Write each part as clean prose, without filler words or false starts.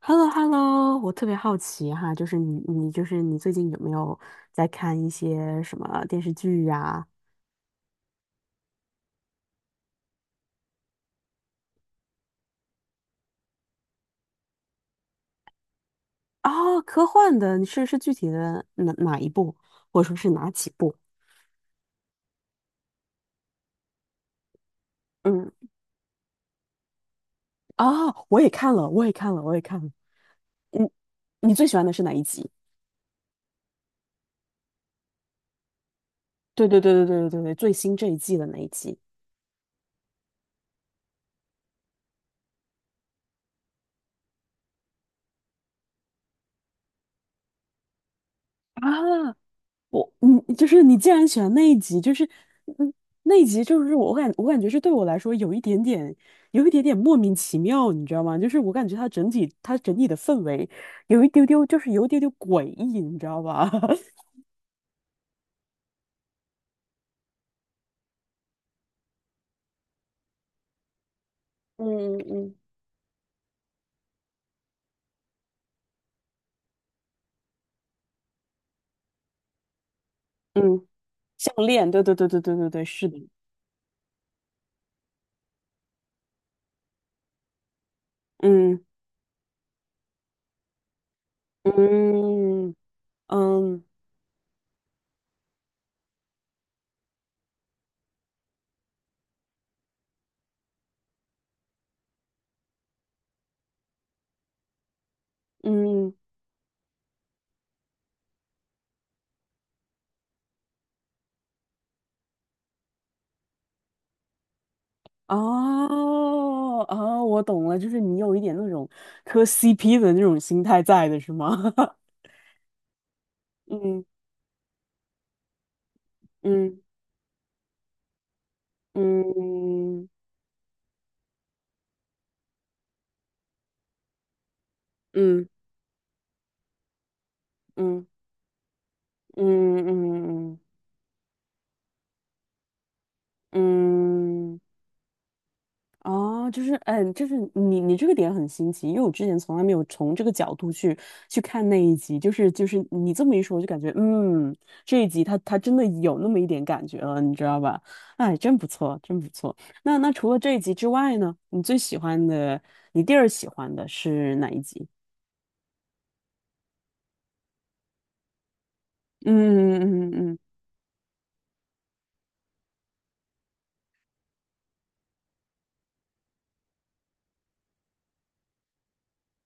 h e l l o h e l l o， 我特别好奇哈，就是你最近有没有在看一些什么电视剧呀？啊？科幻的，你是具体的哪一部，或者说是哪几部？嗯。啊，我也看了，我也看了，我也看了。嗯，你最喜欢的是哪一集？对对对对对对对，最新这一季的那一集。啊？我你就是你，既然喜欢那一集，就是嗯，那一集就是我感觉是对我来说有一点点莫名其妙，你知道吗？就是我感觉它整体的氛围有一丢丢诡异，你知道吧？嗯嗯，嗯，项链，对对对对对对对，是的。嗯嗯嗯嗯。哦哦，我懂了，就是你有一点那种磕 CP 的那种心态在的是吗？嗯嗯。嗯嗯嗯嗯嗯嗯嗯。嗯，哦，就是，就是你这个点很新奇，因为我之前从来没有从这个角度去看那一集，就是你这么一说，我就感觉，这一集它真的有那么一点感觉了，你知道吧？哎，真不错，真不错。那除了这一集之外呢，你第二喜欢的是哪一集？嗯嗯嗯嗯嗯。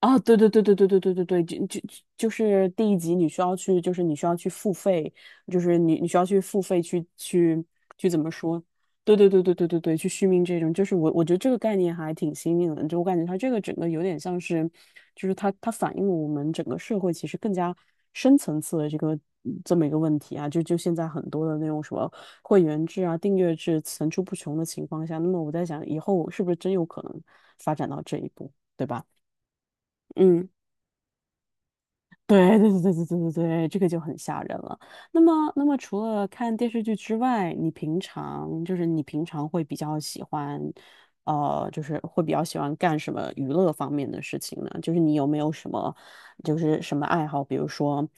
啊，对对对对对对对对对，就是第一集你需要去，就是你需要去付费，就是你需要去付费去怎么说？对对对对对对对，去续命这种，就是我觉得这个概念还挺新颖的，就我感觉它这个整个有点像是，就是它反映了我们整个社会其实更加深层次的这个这么一个问题啊，就现在很多的那种什么会员制啊、订阅制层出不穷的情况下，那么我在想以后是不是真有可能发展到这一步，对吧？嗯。对对对对对对对对，这个就很吓人了。那么除了看电视剧之外，你平常会比较喜欢，就是会比较喜欢干什么娱乐方面的事情呢？就是你有没有什么，就是什么爱好？比如说，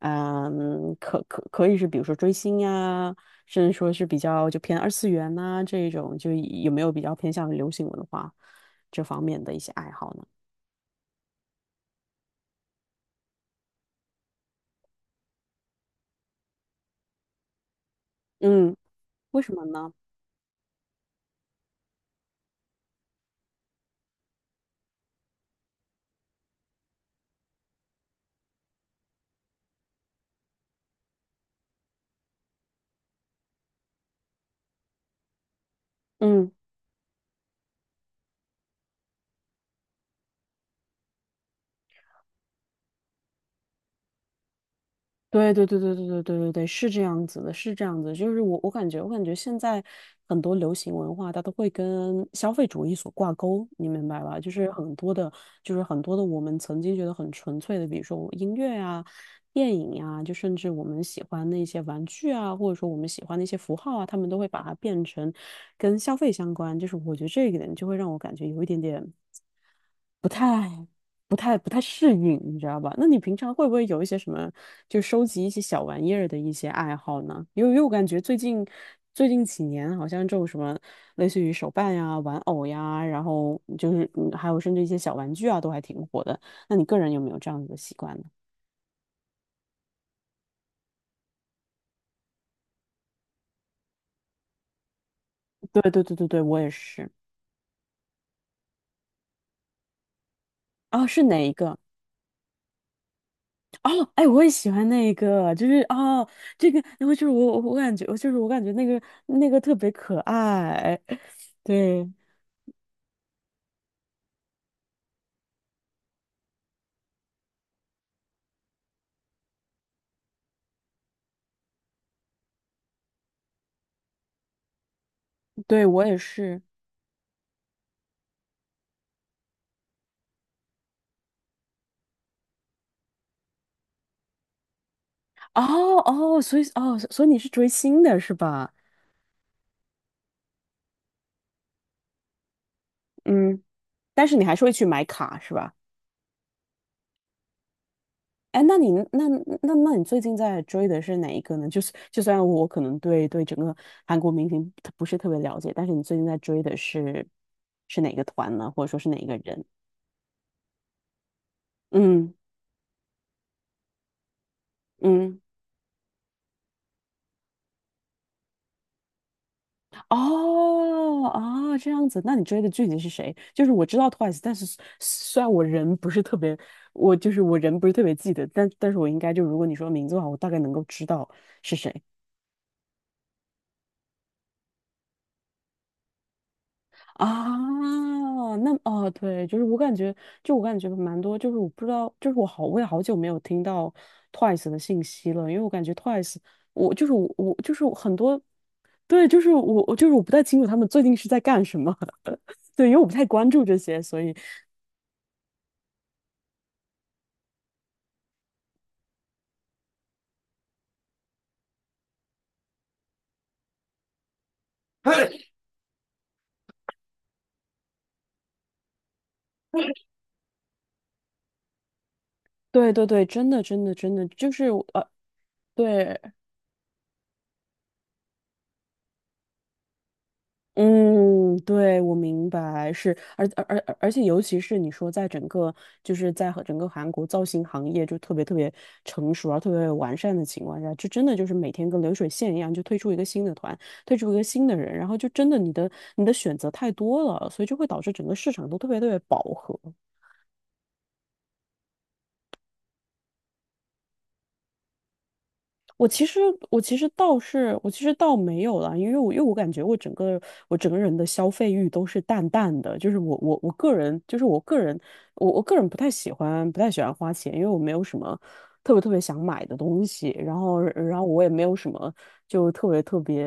可以是比如说追星呀，甚至说是比较就偏二次元呐、这一种，就有没有比较偏向于流行文化这方面的一些爱好呢？嗯，为什么呢？嗯。对对对对对对对对对，是这样子的，是这样子的，就是我感觉，我感觉现在很多流行文化，它都会跟消费主义所挂钩，你明白吧？就是很多的我们曾经觉得很纯粹的，比如说音乐啊、电影呀、就甚至我们喜欢的一些玩具啊，或者说我们喜欢的一些符号啊，他们都会把它变成跟消费相关。就是我觉得这一点就会让我感觉有一点点不太、不太适应，你知道吧？那你平常会不会有一些什么，就收集一些小玩意儿的一些爱好呢？因为我感觉最近几年，好像这种什么类似于手办呀、玩偶呀，然后就是还有甚至一些小玩具啊，都还挺火的。那你个人有没有这样子的习惯呢？对对对对对，我也是。哦，是哪一个？哦，哎，我也喜欢那个，就是哦，这个，然后就是我感觉，我就是我感觉那个特别可爱，对。对，我也是。哦哦，所以你是追星的是吧？嗯，但是你还是会去买卡是吧？哎，那你最近在追的是哪一个呢？就是虽然我可能对整个韩国明星不是特别了解，但是你最近在追的是哪个团呢？或者说是哪一个人？嗯嗯。哦，啊，这样子，那你追的剧体是谁？就是我知道 Twice,但是虽然我人不是特别，我人不是特别记得，但是我应该，就如果你说名字的话，我大概能够知道是谁啊。那，哦，对，就是我感觉，就我感觉蛮多，就是我不知道，我也好久没有听到 Twice 的信息了，因为我感觉 Twice,我就是我，我就是很多，对，我就是我不太清楚他们最近是在干什么，对，因为我不太关注这些，所以。对对对，真的真的真的，就是呃，对，嗯，对，我明白，是，而且尤其是你说在整个在和整个韩国造型行业就特别特别成熟而特别完善的情况下，就真的就是每天跟流水线一样，就推出一个新的团，推出一个新的人，然后就真的你的选择太多了，所以就会导致整个市场都特别特别饱和。我其实我其实倒没有了，因为我感觉我整个人的消费欲都是淡淡的，就是我个人不太喜欢花钱，因为我没有什么特别特别想买的东西，然后我也没有什么就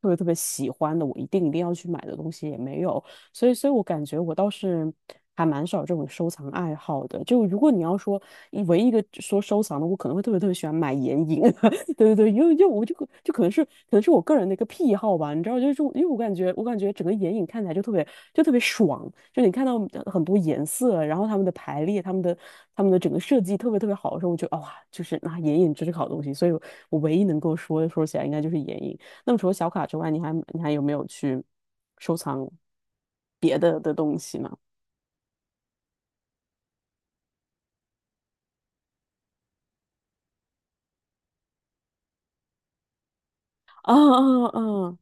特别特别喜欢的，我一定要去买的东西也没有，所以我感觉我倒是。还蛮少这种收藏爱好的，就如果你要说唯一一个说收藏的，我可能会特别特别喜欢买眼影。对对对，因为我就可就可能是我个人的一个癖好吧，你知道，就是因为我感觉整个眼影看起来就特别爽，就你看到很多颜色，然后它们的排列、它们的整个设计特别特别好的时候，我就得哇，就是那、啊、眼影真是个好东西，所以我唯一能够说起来应该就是眼影。那么除了小卡之外，你还有没有去收藏别的的东西呢？啊啊啊！啊，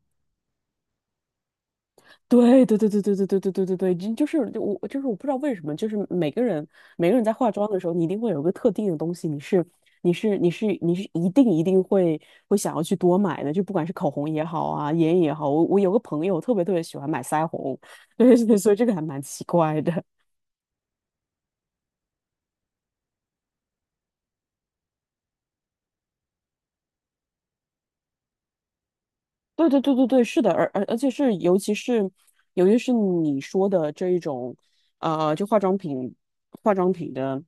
对对对对对对对对对对对，就是我不知道为什么，就是每个人在化妆的时候，你一定会有一个特定的东西，你是一定会想要去多买的，就不管是口红也好啊，眼影也好，我有个朋友特别特别喜欢买腮红。对对，所以这个还蛮奇怪的。对对对对对，是的，而且是，尤其是你说的这一种，就化妆品，化妆品的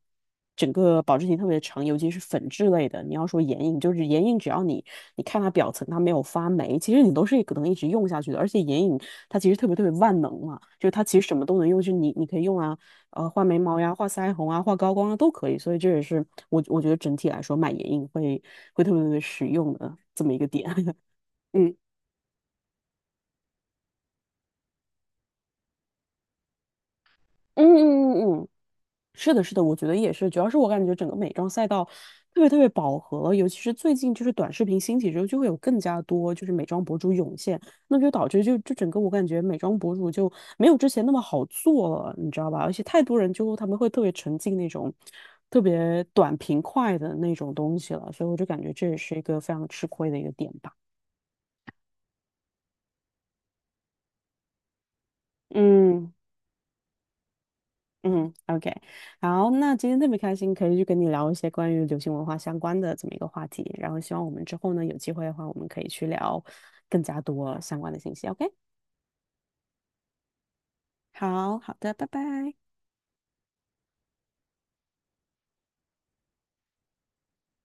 整个保质期特别长，尤其是粉质类的。你要说眼影，就是眼影，只要你看它表层它没有发霉，其实你都是可能一直用下去的。而且眼影它其实特别特别万能嘛，就是它其实什么都能用，就是你可以用啊，画眉毛呀，画腮红啊，画高光啊都可以。所以这也是我觉得整体来说买眼影会特别特别实用的这么一个点。嗯。嗯嗯嗯嗯，是的，是的，我觉得也是。主要是我感觉整个美妆赛道特别特别饱和，尤其是最近就是短视频兴起之后，就会有更加多就是美妆博主涌现，那就导致整个我感觉美妆博主就没有之前那么好做了，你知道吧？而且太多人就他们会特别沉浸那种特别短平快的那种东西了，所以我就感觉这也是一个非常吃亏的一个点吧。嗯。嗯，OK,好，那今天特别开心，可以去跟你聊一些关于流行文化相关的这么一个话题。然后希望我们之后呢，有机会的话，我们可以去聊更加多相关的信息。OK,好，好的，拜拜。